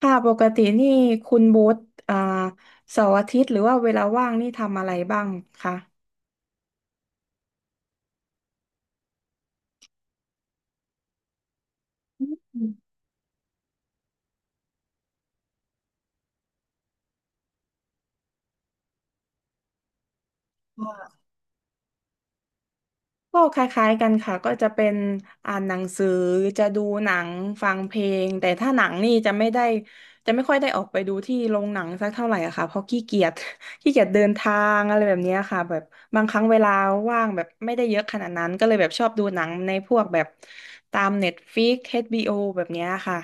ค่ะปกตินี่คุณโบ๊ทอ่าเสาร์อาทิตย์หรือว่าเวลาว่างนี่ทำอะไรบ้างคะอืมก็คล้ายๆกันค่ะก็จะเป็นอ่านหนังสือจะดูหนังฟังเพลงแต่ถ้าหนังนี่จะไม่ได้จะไม่ค่อยได้ออกไปดูที่โรงหนังสักเท่าไหร่อะค่ะเพราะขี้เกียจ ขี้เกียจเดินทางอะไรแบบเนี้ยค่ะแบบบางครั้งเวลาว่างแบบไม่ได้เยอะขนาดนั้นก็เลยแบบชอบดูหนังในพวกแบบตาม Netflix เอชบี b อแบบเนี้ยค่ะ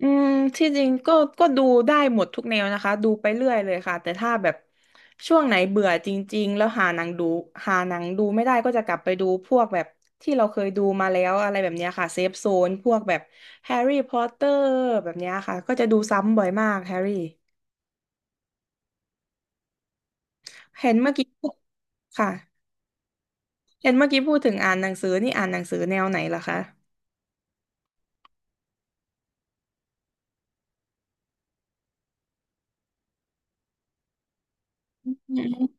อืมที่จริงก็ดูได้หมดทุกแนวนะคะดูไปเรื่อยเลยค่ะแต่ถ้าแบบช่วงไหนเบื่อจริงๆแล้วหาหนังดูไม่ได้ก็จะกลับไปดูพวกแบบที่เราเคยดูมาแล้วอะไรแบบเนี้ยค่ะเซฟโซนพวกแบบแฮร์รี่พอตเตอร์แบบเนี้ยค่ะก็จะดูซ้ำบ่อยมากแฮร์รี่เห็นเมื่อกี้พูดค่ะเห็นเมื่อกี้พูดถึงอ่านหนังสือนี่อ่านหนังสือแนวไหนล่ะคะอืม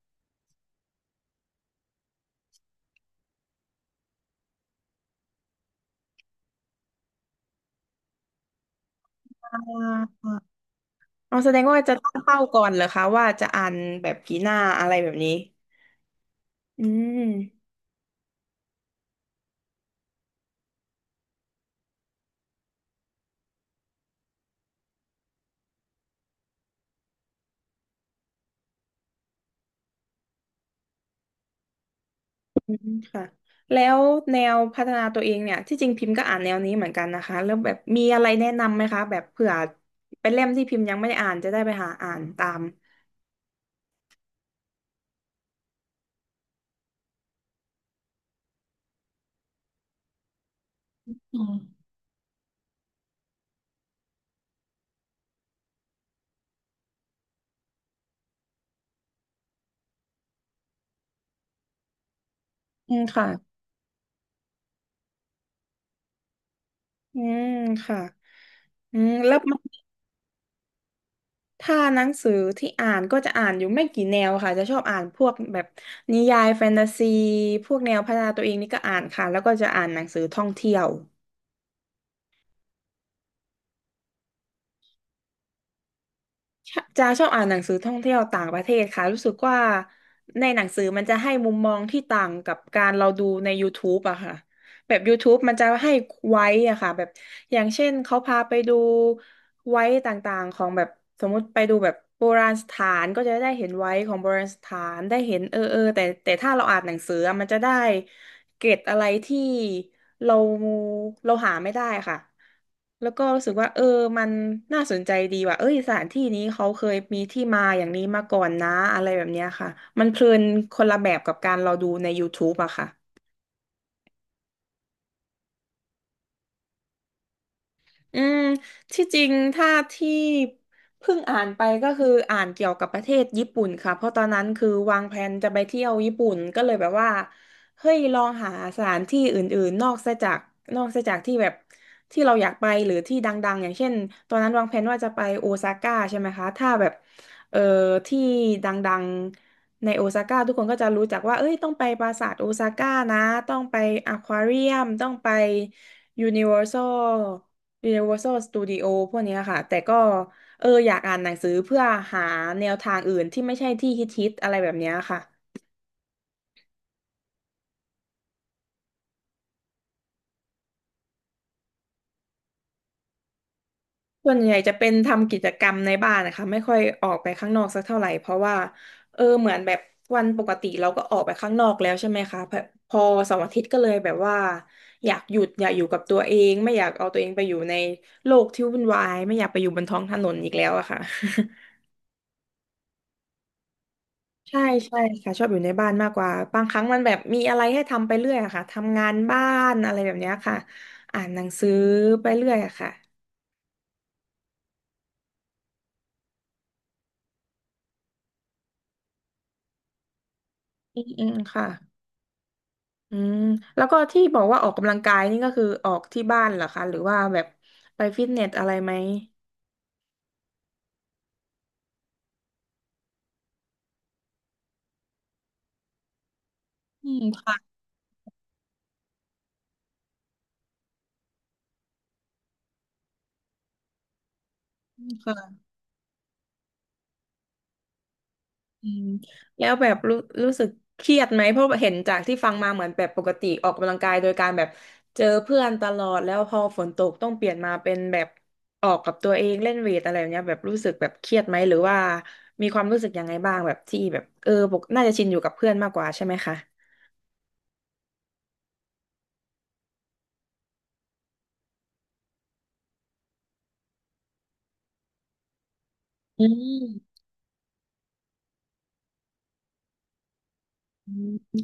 อ่าเอาแสดงว่าจะตั้งเป้าก่อนเหรอคะว่าจะอ่านแบบกี่หน้าอะไรแบบนี้อืม อืมค่ะแล้วแนวพัฒนาตัวเองเนี่ยที่จริงพิมพ์ก็อ่านแนวนี้เหมือนกันนะคะแล้วแบบมีอะไรแนะนำไหมคะแบบเผื่อเป็นเล่มที่พิมพ์ยังไม่ได้อ่านจะได้ไปหาอ่านตามอืมค่ะอืมค่ะอืมแล้วมันถ้าหนังสือที่อ่านก็จะอ่านอยู่ไม่กี่แนวค่ะจะชอบอ่านพวกแบบนิยายแฟนตาซีพวกแนวพัฒนาตัวเองนี่ก็อ่านค่ะแล้วก็จะอ่านหนังสือท่องเที่ยว จาชอบอ่านหนังสือท่องเที่ยวต่างประเทศค่ะรู้สึกว่าในหนังสือมันจะให้มุมมองที่ต่างกับการเราดูใน YouTube อะค่ะแบบ YouTube มันจะให้ไว้อะค่ะแบบอย่างเช่นเขาพาไปดู ไว้ต่างๆของแบบสมมุติไปดูแบบโบราณสถานก็จะได้เห็นไว้ของโบราณสถานได้เห็นเออเออแต่ถ้าเราอ่านหนังสืออะมันจะได้เกร็ดอะไรที่เราเราหาไม่ได้ค่ะแล้วก็รู้สึกว่าเออมันน่าสนใจดีว่ะเอ้ยสถานที่นี้เขาเคยมีที่มาอย่างนี้มาก่อนนะอะไรแบบเนี้ยค่ะมันเพลินคนละแบบกับการเราดูใน YouTube อะค่ะ อืม ที่จริง ถ้าที่เพิ่งอ่านไปก็คืออ่านเกี่ยวกับประเทศญี่ปุ่นค่ะเพราะตอนนั้นคือวางแผนจะไปเที่ยวญี่ปุ่นก็เลยแบบว่า เฮ้ย ลองหาสถานที่อื่นๆนอกซะจากที่แบบที่เราอยากไปหรือที่ดังๆอย่างเช่นตอนนั้นวางแผนว่าจะไปโอซาก้าใช่ไหมคะถ้าแบบเอ่อที่ดังๆในโอซาก้าทุกคนก็จะรู้จักว่าเอ้ยต้องไปปราสาทโอซาก้านะต้องไปอควาเรียมต้องไปยูนิเวอร์แซล Universal Studio พวกเนี้ยค่ะแต่ก็เอออยากอ่านหนังสือเพื่อหาแนวทางอื่นที่ไม่ใช่ที่ฮิตๆอะไรแบบเนี้ยค่ะส่วนใหญ่จะเป็นทำกิจกรรมในบ้านนะคะไม่ค่อยออกไปข้างนอกสักเท่าไหร่เพราะว่าเออเหมือนแบบวันปกติเราก็ออกไปข้างนอกแล้วใช่ไหมคะพอเสาร์อาทิตย์ก็เลยแบบว่าอยากหยุดอยากอยู่กับตัวเองไม่อยากเอาตัวเองไปอยู่ในโลกที่วุ่นวายไม่อยากไปอยู่บนท้องถนนอีกแล้วอะค่ะ ใช่ใช่ค่ะชอบอยู่ในบ้านมากกว่าบางครั้งมันแบบมีอะไรให้ทำไปเรื่อยอะค่ะทำงานบ้านอะไรแบบเนี้ยค่ะอ่านหนังสือไปเรื่อยอะค่ะอืมอืมค่ะอืมแล้วก็ที่บอกว่าออกกำลังกายนี่ก็คือออกที่บ้านเหรอคะหรือว่าแบบไปฟิตเนสอะไรไหมอืมค่ะอืมค่ะ อืมแล้วแบบรู้สึกเครียดไหมเพราะเห็นจากที่ฟังมาเหมือนแบบปกติออกกำลังกายโดยการแบบเจอเพื่อนตลอดแล้วพอฝนตกต้องเปลี่ยนมาเป็นแบบออกกับตัวเองเล่นเวทอะไรแบบเนี้ยแบบรู้สึกแบบเครียดไหมหรือว่ามีความรู้สึกยังไงบ้างแบบที่แบบเออปกน่าจะชินอยู่กับเพื่อนมากกว่าใช่ไหมคะอืมอืม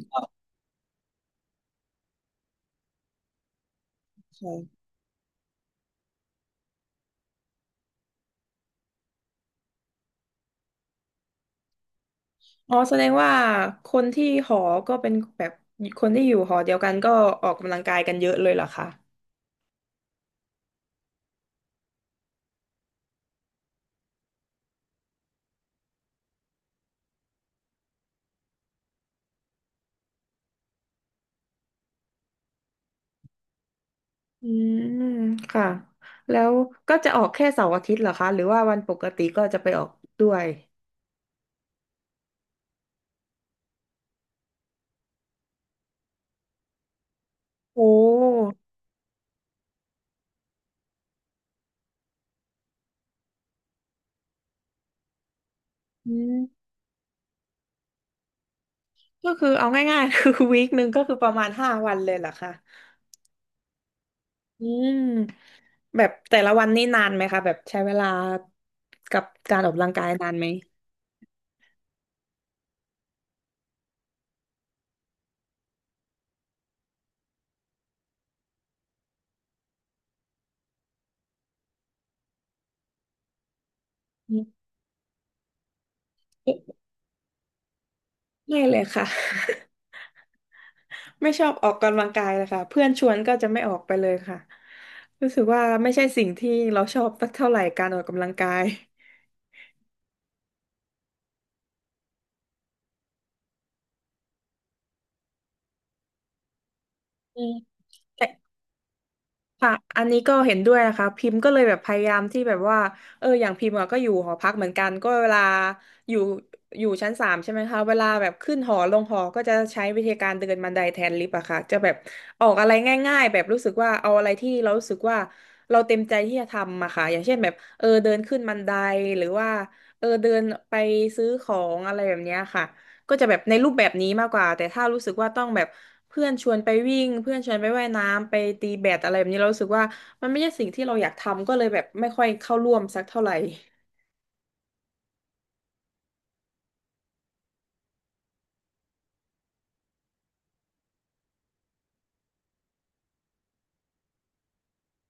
ค่ะอ๋อแสดงว่าคนที่หอก็เป็นแบบคนที่อยู่หอเดียวกันก็ออกกำลังกายกันเยอะเลยเหรอคะ อืมค่ะแล้วก็จะออกแค่เสาร์อาทิตย์เหรอคะหรือว่าวันปกติก็จะไปออกด้วยโอ้อืมก็คือเอาง่ายๆ คือวีคหนึ่งก็คือประมาณ5 วันเลยเหรอคะอืมแบบแต่ละวันนี่นานไหมคะแบบใช้เวลากับการออกกำลังกายนานไหมอืมไม่เลยค่ะ ไม่ชอบออกกำลังกายเลยค่ะเพื่อนชวนก็จะไม่ออกไปเลยค่ะรู้สึกว่าไม่ใช่สิ่งที่เราชอบสักเท่าไหร่การออกกำลังกายอืม ค่ะอันนี้ก็เห็นด้วยนะคะ พิมพ์ก็เลยแบบพยายามที่แบบว่าอย่างพิมพ์อะก็อยู่หอพักเหมือนกันก็เวลาอยู่อยู่ชั้น 3ใช่ไหมคะเวลาแบบขึ้นหอลงหอก็จะใช้วิธีการเดินบันไดแทนลิฟต์อะค่ะจะแบบออกอะไรง่ายๆแบบรู้สึกว่าเอาอะไรที่เรารู้สึกว่าเราเต็มใจที่จะทำอะค่ะอย่างเช่นแบบเดินขึ้นบันไดหรือว่าเดินไปซื้อของอะไรแบบเนี้ยค่ะก็จะแบบในรูปแบบนี้มากกว่าแต่ถ้ารู้สึกว่าต้องแบบ เพื่อนชวนไปวิ่งเพื่อนชวนไปว่ายน้ำไปตีแบดอะไรแบบนี้เรารู้สึกว่ามันไม่ใช่สิ่งที่เราอยากทำก็เลยแบบไม่ค่อยเข้าร่วมสักเท่าไหร่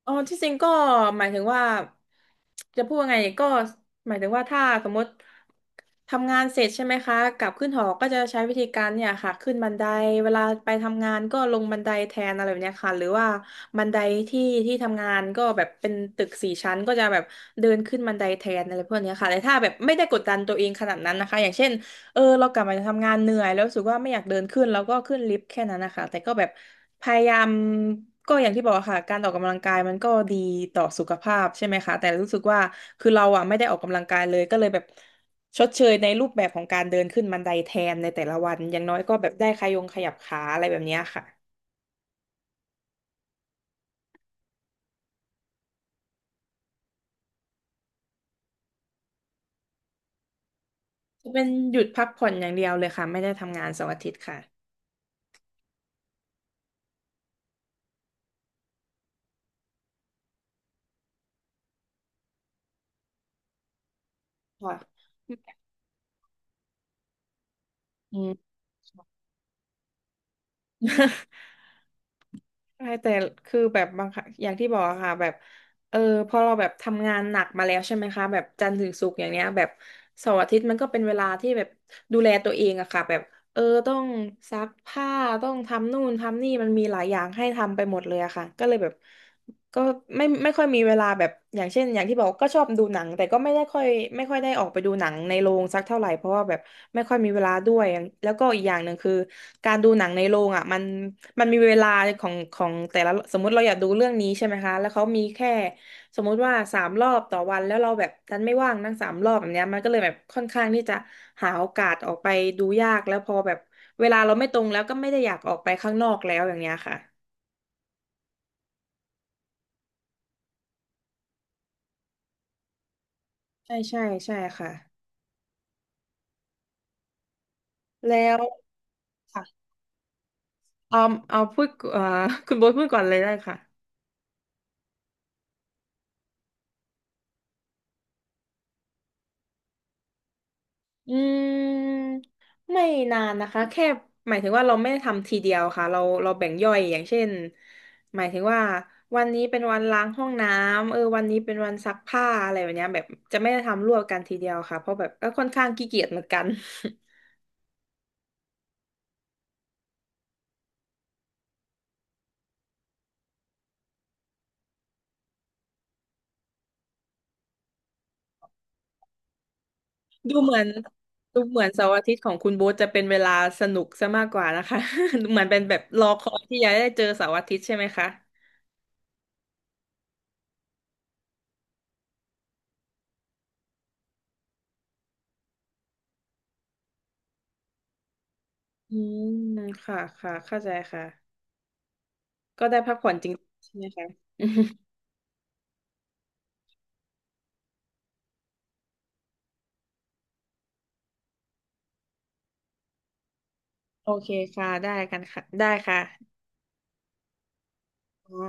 อ๋อที่จริงก็หมายถึงว่าจะพูดว่าไงก็หมายถึงว่าถ้าสมมติทำงานเสร็จใช่ไหมคะกลับขึ้นหอก็จะใช้วิธีการเนี่ยค่ะขึ้นบันไดเวลาไปทำงานก็ลงบันไดแทนอะไรแบบเนี้ยค่ะหรือว่าบันไดที่ที่ทำงานก็แบบเป็นตึก4 ชั้นก็จะแบบเดินขึ้นบันไดแทนอะไรพวกเนี้ยค่ะแต่ถ้าแบบไม่ได้กดดันตัวเองขนาดนั้นนะคะอย่างเช่น เรากลับมาจากทำงานเหนื่อยแล้วรู้สึกว่าไม่อยากเดินขึ้นแล้วก็ขึ้นลิฟต์แค่นั้นนะคะแต่ก็แบบพยายามก็อย่างที่บอกอะค่ะการออกกำลังกายมันก็ดีต่อสุขภาพใช่ไหมคะแต่รู้สึกว่าคือเราอ่ะไม่ได้ออกกำลังกายเลยก็เลยแบบชดเชยในรูปแบบของการเดินขึ้นบันไดแทนในแต่ละวันอย่างน้อยก็แบบได้ขยงขยับขาอะไรแบบเนี้ยค่ะเป็นหยุดพักผ่อนอย่างเดียวเลยค่ะไม่ได้ทำงานเสาร์อาทิตย์ค่ะค่ะอืม ใช่แต่คือแบบบางครั้งอย่างที่บอกอะค่ะแบบเออพอเราแบบทำงานหนักมาแล้วใช่ไหมคะแบบจันทร์ถึงศุกร์อย่างเนี้ยแบบเสาร์อาทิตย์มันก็เป็นเวลาที่แบบดูแลตัวเองอะค่ะแบบต้องซักผ้าต้องทำนู่นทำนี่มันมีหลายอย่างให้ทำไปหมดเลยอะค่ะก็เลยแบบ ก็ไม่ค่อยมีเวลาแบบอย่างเช่นอย่างที่บอกก็ชอบดูหนังแต่ก็ไม่ได้ค่อยไม่ค่อยได้ออกไปดูหนังในโรงสักเท่าไหร่เพราะว่าแบบไม่ค่อยมีเวลาด้วยแล้วก็อีกอย่างหนึ่งคือการดูหนังในโรงอ่ะมันมีเวลาของแต่ละสมมุติเราอยากดูเรื่องนี้ใช่ไหมคะแล้วเขามีแค่สมมุติว่าสามรอบต่อวันแล้วเราแบบดันไม่ว่างนั่งสามรอบแบบเนี้ยมันก็เลยแบบค่อนข้างที่จะหาโอกาสออกไปดูยากแล้วพอแบบเวลาเราไม่ตรงแล้วก็ไม่ได้อยากออกไปข้างนอกแล้วอย่างเงี้ยค่ะใช่ใช่ใช่ค่ะ แล้วค่ะเอาเอาพูด คุณโบ๊ทพูดก่อนเลยได้ค่ะอืมไม่นานนะคะแค่หมายถึงว่าเราไม่ได้ทำทีเดียวค่ะเราแบ่งย่อยอย่างเช่นหมายถึงว่าวันนี้เป็นวันล้างห้องน้ำวันนี้เป็นวันซักผ้าอะไรแบบเนี้ยแบบจะไม่ได้ทำรวบกันทีเดียวค่ะเพราะแบบก็ค่อนข้างขี้เกียจเหมือนกัน ดูเหมือนดูเหมือนเสาร์อาทิตย์ของคุณโบ๊ทจะเป็นเวลาสนุกซะมากกว่านะคะ เหมือนเป็นแบบรอคอยที่จะได้เจอเสาร์อาทิตย์ใช่ไหมคะ อืมค่ะ ค่ะ เข้าใจค่ะ ก็ได้พักผ่อนจริงๆใช่ไหมคะ โอเคค่ะ ได้กันค่ะ ได้ค่ะอ่า